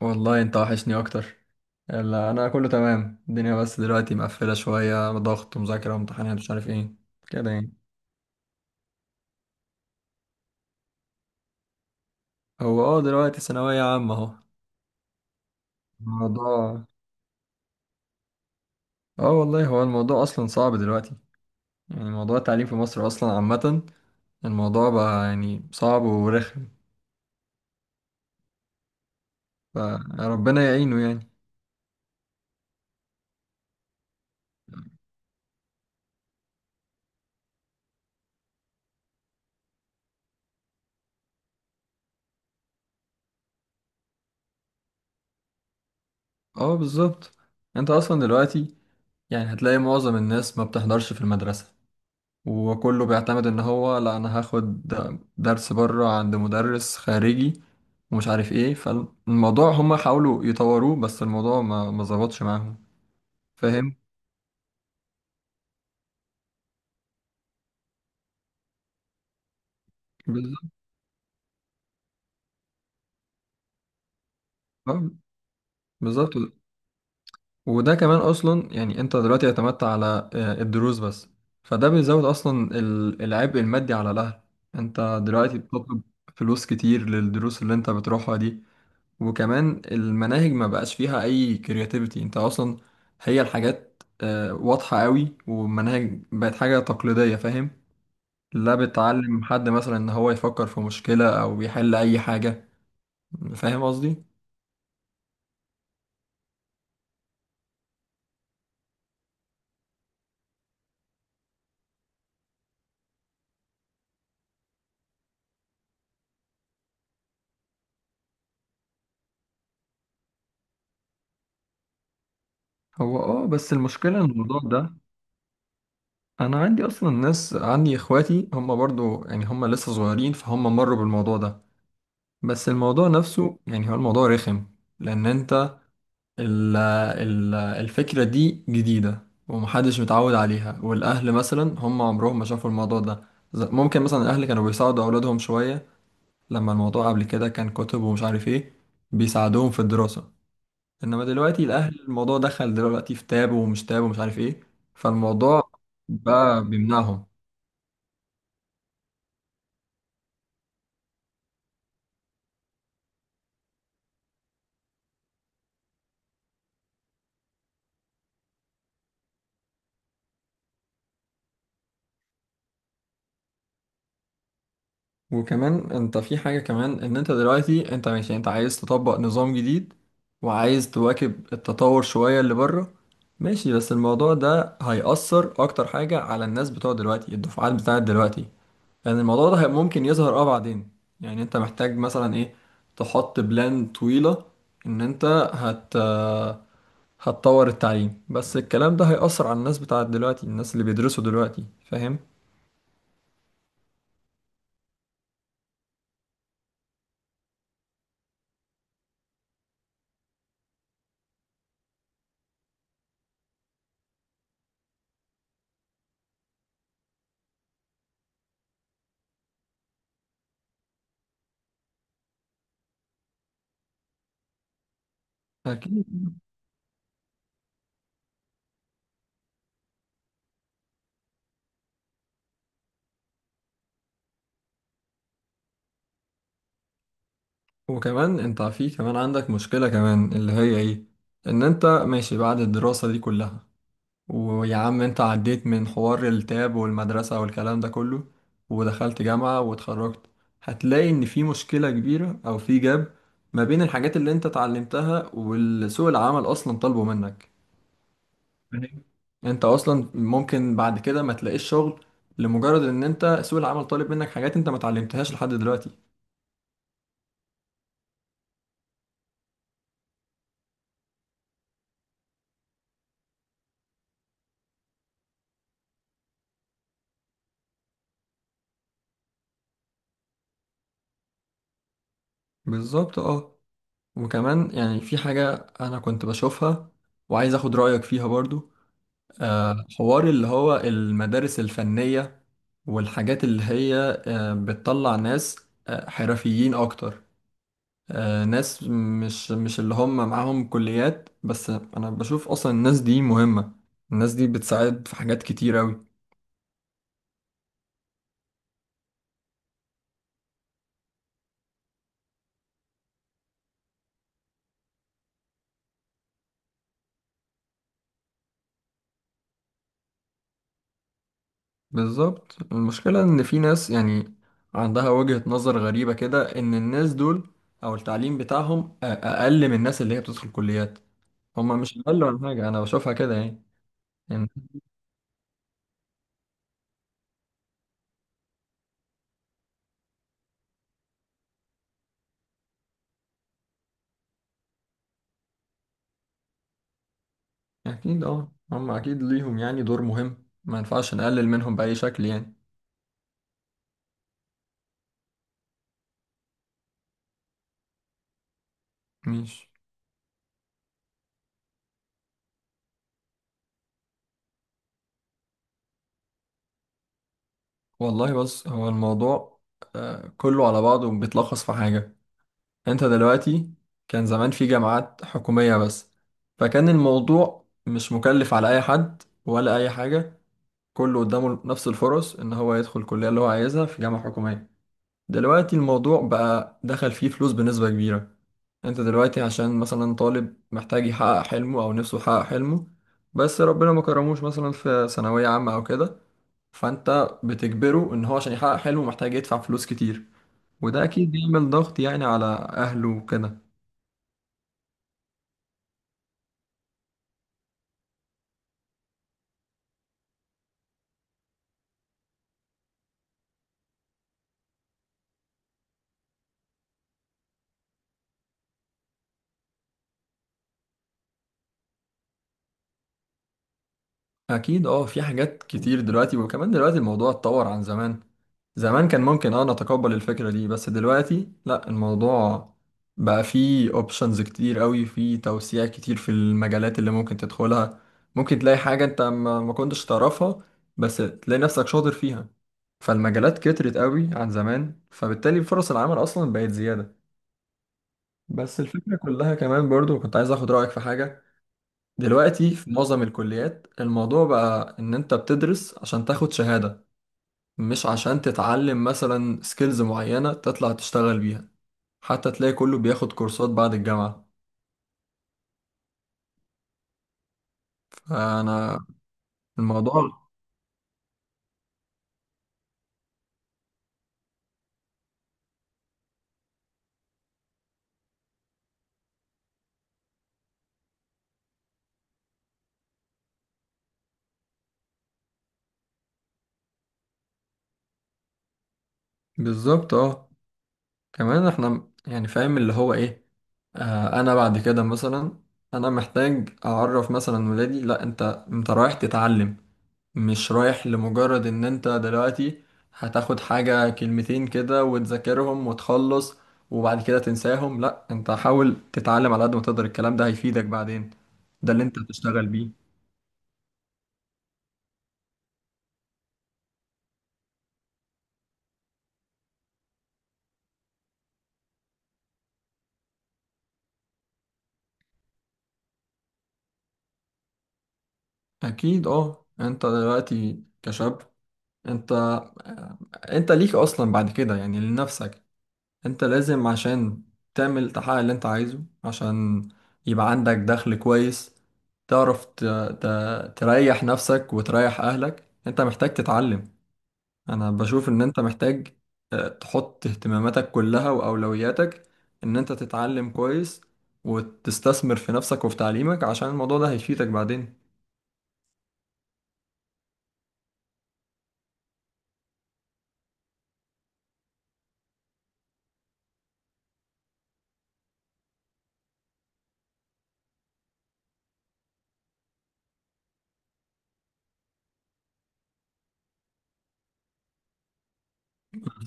والله انت وحشني اكتر. يلا، انا كله تمام، الدنيا بس دلوقتي مقفله شويه، ضغط ومذاكره وامتحانات مش عارف ايه كده يعني. هو دلوقتي ثانويه عامه اهو. الموضوع اه والله، هو الموضوع اصلا صعب دلوقتي، يعني موضوع التعليم في مصر اصلا عامه. الموضوع بقى يعني صعب ورخم، فربنا يعينه يعني. اه، بالظبط. انت اصلا دلوقتي يعني هتلاقي معظم الناس ما بتحضرش في المدرسه، وكله بيعتمد ان هو لا، انا هاخد درس بره عند مدرس خارجي ومش عارف ايه. فالموضوع هما حاولوا يطوروه، بس الموضوع ما ظبطش معاهم، فاهم؟ بالظبط، آه، بالظبط. وده كمان اصلا يعني انت دلوقتي اعتمدت على الدروس بس، فده بيزود اصلا العبء المادي على الاهل. انت دلوقتي بتطلب فلوس كتير للدروس اللي انت بتروحها دي. وكمان المناهج ما بقاش فيها اي كرياتيفيتي، انت اصلا هي الحاجات واضحة قوي، والمناهج بقت حاجة تقليدية، فاهم؟ لا بتعلم حد مثلا ان هو يفكر في مشكلة او يحل اي حاجة. فاهم قصدي؟ هو بس المشكلة إن الموضوع ده، انا عندي اصلا ناس، عندي اخواتي هم برضو يعني هم لسه صغيرين فهم مروا بالموضوع ده. بس الموضوع نفسه يعني هو الموضوع رخم، لان انت ال ال الفكرة دي جديدة ومحدش متعود عليها، والأهل مثلا هم عمرهم ما شافوا الموضوع ده. ممكن مثلا الأهل كانوا بيساعدوا أولادهم شوية لما الموضوع قبل كده كان كتب ومش عارف إيه، بيساعدوهم في الدراسة. إنما دلوقتي الأهل الموضوع دخل دلوقتي في تاب ومش تاب ومش عارف إيه، فالموضوع بقى بيمنعهم. وكمان انت في حاجة كمان، ان انت دلوقتي انت ماشي، انت عايز تطبق نظام جديد وعايز تواكب التطور شوية اللي بره. ماشي، بس الموضوع ده هيأثر اكتر حاجة على الناس بتوع دلوقتي، الدفعات بتاعت دلوقتي. لان الموضوع ده ممكن يظهر بعدين، يعني انت محتاج مثلا ايه، تحط بلان طويلة ان انت هت هتطور التعليم، بس الكلام ده هيأثر على الناس بتاعت دلوقتي، الناس اللي بيدرسوا دلوقتي، فاهم؟ أكيد. وكمان انت في كمان عندك مشكلة كمان، اللي هي ايه؟ ان انت ماشي بعد الدراسة دي كلها، ويا عم انت عديت من حوار التاب والمدرسة والكلام ده كله ودخلت جامعة واتخرجت، هتلاقي ان في مشكلة كبيرة او في جاب ما بين الحاجات اللي انت اتعلمتها والسوق العمل اصلا طالبه منك، فاهم؟ انت اصلا ممكن بعد كده ما تلاقيش شغل، لمجرد ان انت سوق العمل طالب منك حاجات انت ما اتعلمتهاش لحد دلوقتي. بالظبط، اه. وكمان يعني في حاجة أنا كنت بشوفها وعايز أخد رأيك فيها برضو، حوار اللي هو المدارس الفنية، والحاجات اللي هي بتطلع ناس، حرفيين أكتر، ناس مش اللي هم معاهم كليات، بس أنا بشوف أصلا الناس دي مهمة، الناس دي بتساعد في حاجات كتير أوي. بالظبط، المشكلة إن في ناس يعني عندها وجهة نظر غريبة كده، إن الناس دول أو التعليم بتاعهم أقل من الناس اللي هي بتدخل كليات. هما مش أقل عن حاجة، أنا بشوفها كده يعني. يعني أكيد، أه، هما أكيد ليهم يعني دور مهم، ما ينفعش نقلل منهم بأي شكل يعني. مش. والله بص، هو الموضوع كله على بعضه بيتلخص في حاجة، أنت دلوقتي كان زمان في جامعات حكومية بس، فكان الموضوع مش مكلف على أي حد ولا أي حاجة، كله قدامه نفس الفرص ان هو يدخل الكليه اللي هو عايزها في جامعه حكوميه. دلوقتي الموضوع بقى دخل فيه فلوس بنسبه كبيره، انت دلوقتي عشان مثلا طالب محتاج يحقق حلمه او نفسه يحقق حلمه، بس ربنا ما كرموش مثلا في ثانويه عامه او كده، فانت بتجبره ان هو عشان يحقق حلمه محتاج يدفع فلوس كتير، وده اكيد بيعمل ضغط يعني على اهله وكده. اكيد، اه، في حاجات كتير دلوقتي. وكمان دلوقتي الموضوع اتطور عن زمان، زمان كان ممكن نتقبل الفكرة دي، بس دلوقتي لا، الموضوع بقى فيه اوبشنز كتير قوي، فيه توسيع كتير في المجالات اللي ممكن تدخلها. ممكن تلاقي حاجة انت ما كنتش تعرفها، بس تلاقي نفسك شاطر فيها، فالمجالات كترت قوي عن زمان، فبالتالي فرص العمل اصلا بقت زيادة. بس الفكرة كلها كمان برضو كنت عايز اخد رأيك في حاجة، دلوقتي في معظم الكليات الموضوع بقى إن أنت بتدرس عشان تاخد شهادة، مش عشان تتعلم مثلا سكيلز معينة تطلع تشتغل بيها. حتى تلاقي كله بياخد كورسات بعد الجامعة. فأنا الموضوع. بالظبط، اه، كمان احنا يعني فاهم اللي هو ايه، أنا بعد كده مثلا أنا محتاج أعرف مثلا ولادي، لأ، أنت رايح تتعلم، مش رايح لمجرد ان انت دلوقتي هتاخد حاجة كلمتين كده وتذاكرهم وتخلص وبعد كده تنساهم. لا، انت حاول تتعلم على قد ما تقدر، الكلام ده هيفيدك بعدين، ده اللي انت هتشتغل بيه. اكيد، اه، انت دلوقتي كشاب، انت آه، انت ليك اصلا بعد كده يعني لنفسك، انت لازم عشان تعمل تحقق اللي انت عايزه، عشان يبقى عندك دخل كويس، تعرف ت... تريح نفسك وتريح اهلك. انت محتاج تتعلم، انا بشوف ان انت محتاج تحط اهتماماتك كلها واولوياتك ان انت تتعلم كويس، وتستثمر في نفسك وفي تعليمك، عشان الموضوع ده هيفيدك بعدين.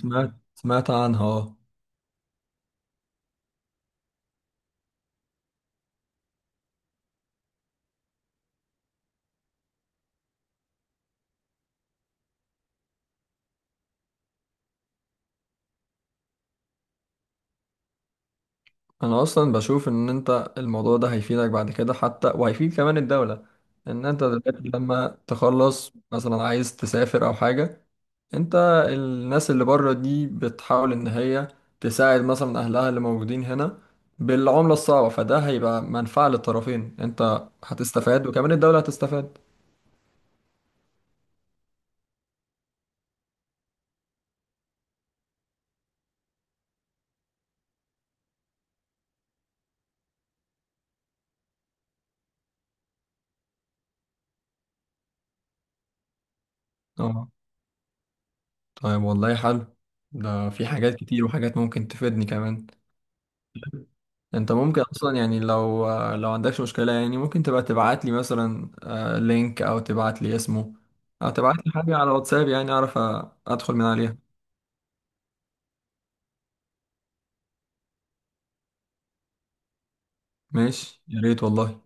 سمعت عنها، اه. انا اصلا بشوف ان انت الموضوع ده هيفيدك بعد كده، حتى وهيفيد كمان الدولة، ان انت دلوقتي لما تخلص مثلا عايز تسافر او حاجة، انت الناس اللي بره دي بتحاول ان هي تساعد مثلا اهلها اللي موجودين هنا بالعملة الصعبة، فده هيبقى منفعة للطرفين، انت هتستفاد وكمان الدولة هتستفاد. اه، طيب والله حلو، ده في حاجات كتير وحاجات ممكن تفيدني كمان. انت ممكن اصلا يعني لو عندكش مشكله، يعني ممكن تبقى تبعت لي مثلا لينك، او تبعت لي اسمه، او تبعت لي حاجه على واتساب، يعني اعرف ادخل من عليها. ماشي، يا ريت والله.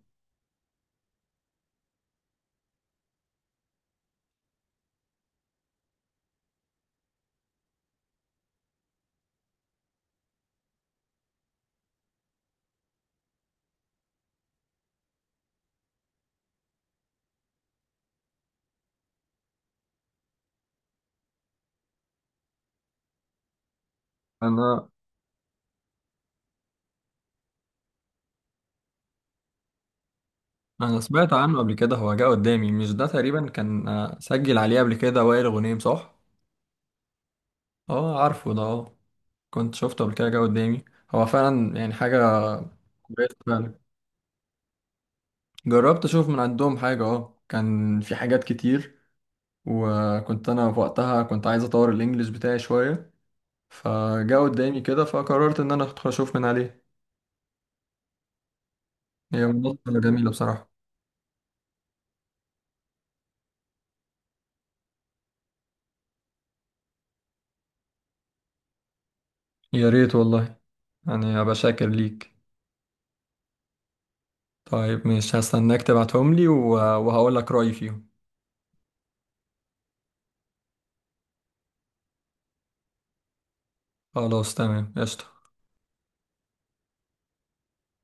انا انا سمعت عنه قبل كده، هو جه قدامي، مش ده تقريبا كان سجل عليه قبل كده وائل غنيم، صح؟ اه، عارفه ده، اه، كنت شفته قبل كده جه قدامي، هو فعلا يعني حاجه كويسه فعلا. جربت اشوف من عندهم حاجه، كان في حاجات كتير، وكنت انا في وقتها كنت عايز اطور الانجليش بتاعي شويه، فجاء قدامي كده فقررت ان انا ادخل اشوف من عليه. هي منصه جميله بصراحه. يا ريت والله، يعني ابقى شاكر ليك. طيب مش هستناك تبعتهم لي وهقول لك رايي فيهم. خلاص تمام قشطه.